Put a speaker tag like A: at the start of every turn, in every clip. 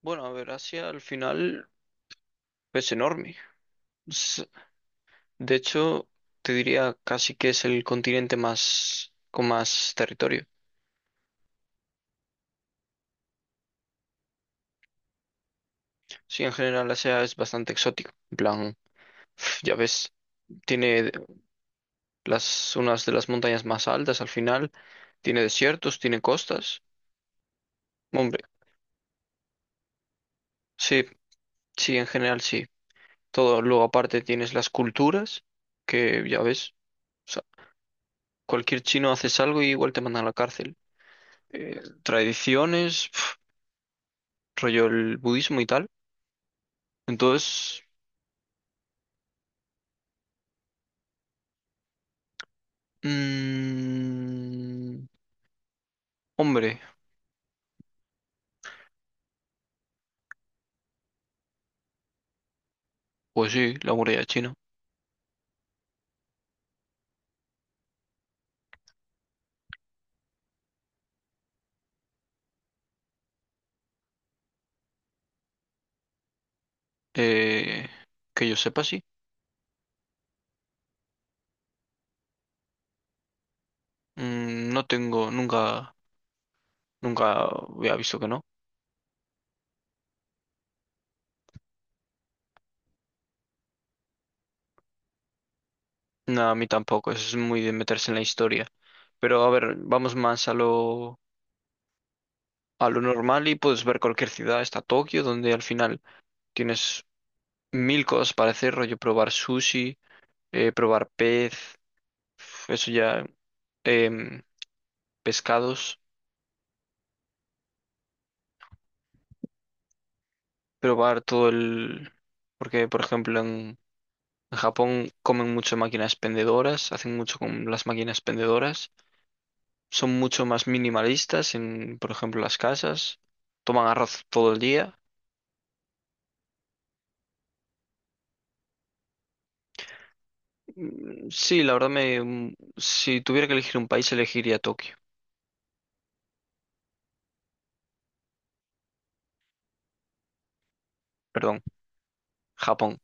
A: Bueno, a ver, Asia al final es enorme. Es- De hecho, te diría casi que es el continente más con más territorio. Sí, en general Asia es bastante exótico. En plan, pf, ya ves, tiene las unas de las montañas más altas al final, tiene desiertos, tiene costas. Hombre, sí, sí, en general sí. Todo, luego aparte tienes las culturas, que ya ves, o sea, cualquier chino haces algo y igual te mandan a la cárcel. Tradiciones, rollo el budismo y tal. Entonces, mm, hombre, pues sí, la muralla china. Eh, que yo sepa, sí. Mm, no tengo, nunca había visto que no. No, a mí tampoco, eso es muy de meterse en la historia. Pero a ver, vamos más a a lo normal y puedes ver cualquier ciudad, está Tokio, donde al final tienes mil cosas para hacer, rollo probar sushi, probar pez, eso ya. em, Pescados. Probar todo el... Porque, por ejemplo, en Japón comen mucho máquinas pendedoras, hacen mucho con las máquinas pendedoras, son mucho más minimalistas en, por ejemplo, las casas, toman arroz todo el día. Sí, la verdad me... si tuviera que elegir un país, elegiría Tokio, perdón, Japón.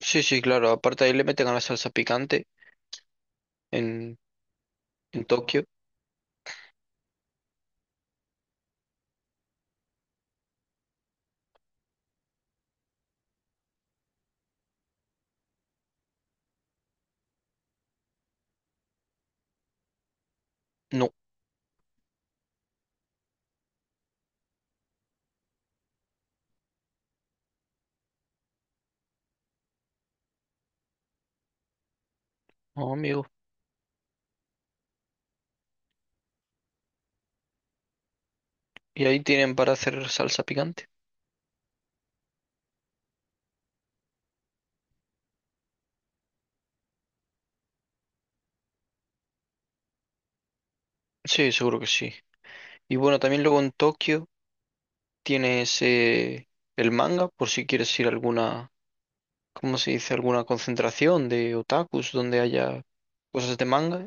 A: Sí, sí, claro, aparte ahí le meten a la salsa picante en, en Tokio. No, no, amigo. ¿Y ahí tienen para hacer salsa picante? Sí, seguro que sí. Y bueno, también luego en Tokio... tienes el manga por si quieres ir a alguna, ¿cómo se dice? Alguna concentración de otakus donde haya cosas de manga.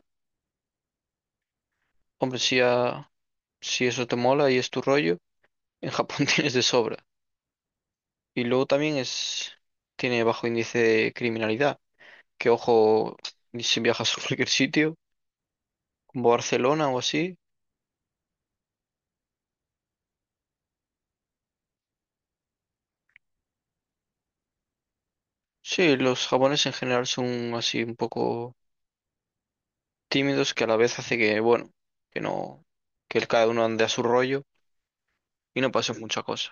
A: Hombre, si, si eso te mola y es tu rollo, en Japón tienes de sobra. Y luego también es, tiene bajo índice de criminalidad. Que ojo, si viajas a cualquier sitio, como Barcelona o así. Sí, los japoneses en general son así un poco tímidos que a la vez hace que, bueno, que no, que cada uno ande a su rollo y no pase mucha cosa.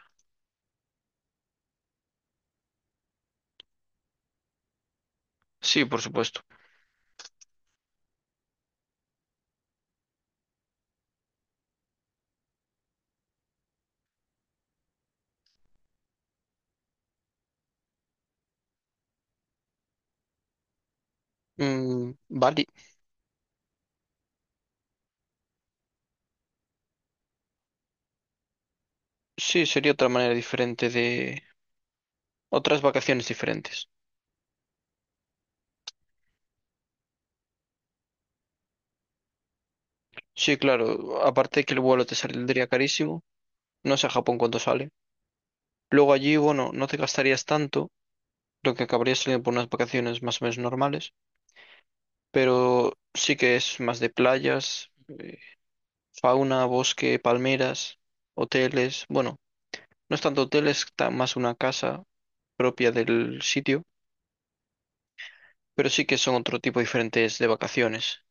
A: Sí, por supuesto. Mm, vale. Sí, sería otra manera diferente de... Otras vacaciones diferentes. Sí, claro. Aparte de que el vuelo te saldría carísimo. No sé a Japón cuánto sale. Luego allí, bueno, no te gastarías tanto, lo que acabaría saliendo por unas vacaciones más o menos normales. Pero sí que es más de playas, fauna, bosque, palmeras, hoteles. Bueno, no es tanto hoteles, más una casa propia del sitio. Pero sí que son otro tipo diferentes de vacaciones.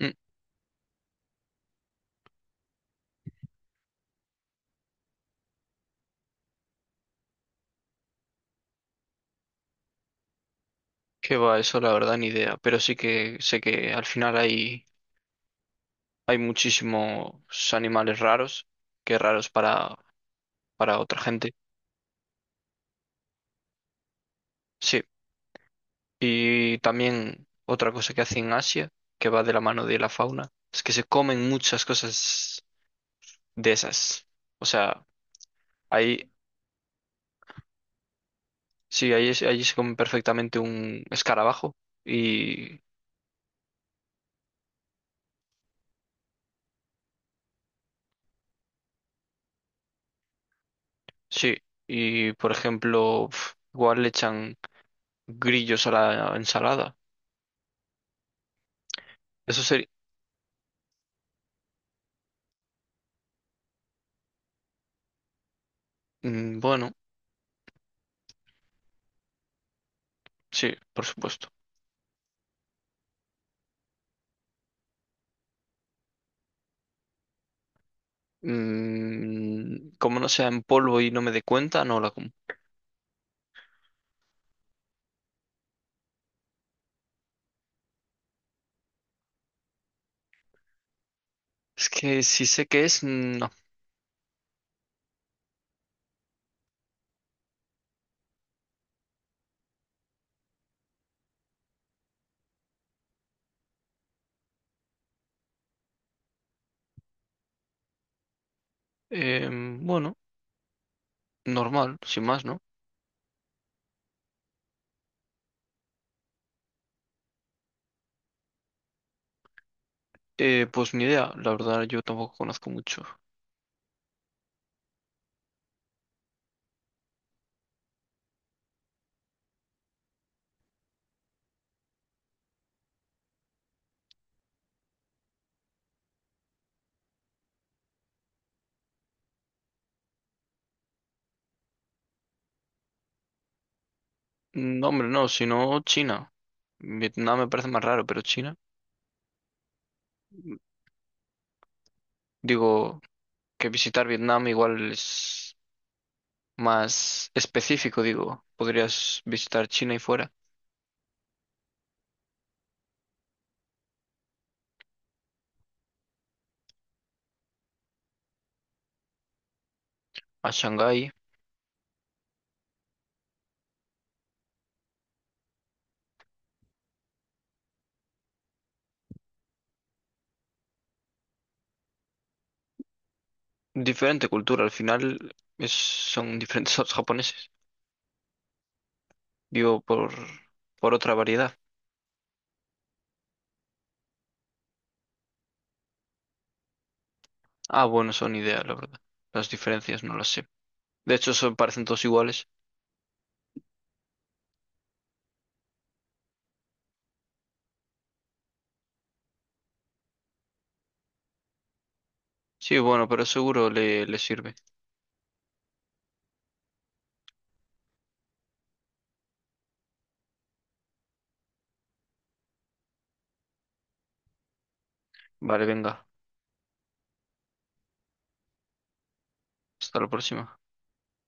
A: Mm. Qué va, eso la verdad ni idea, pero sí que sé que al final hay muchísimos animales raros, que raros para otra gente. Sí, y también otra cosa que hace en Asia, que va de la mano de la fauna, es que se comen muchas cosas de esas. O sea, ahí, sí, ahí se come perfectamente un escarabajo y sí, y por ejemplo, pf, igual le echan grillos a la ensalada. Eso sería, bueno. Sí, por supuesto. Mm, como no sea en polvo y no me dé cuenta, no la como. Es que si sé qué es, mm, no. Bueno, normal, sin más, ¿no? Pues ni idea, la verdad yo tampoco conozco mucho. No, hombre, no, sino China. Vietnam me parece más raro, pero China. Digo, que visitar Vietnam igual es más específico, digo. Podrías visitar China y fuera, a Shanghái. Diferente cultura, al final son diferentes a los japoneses. Digo, por otra variedad. Ah, bueno, son ideas, la verdad. Las diferencias no las sé. De hecho, son, parecen todos iguales. Sí, bueno, pero seguro le sirve. Vale, venga. Hasta la próxima.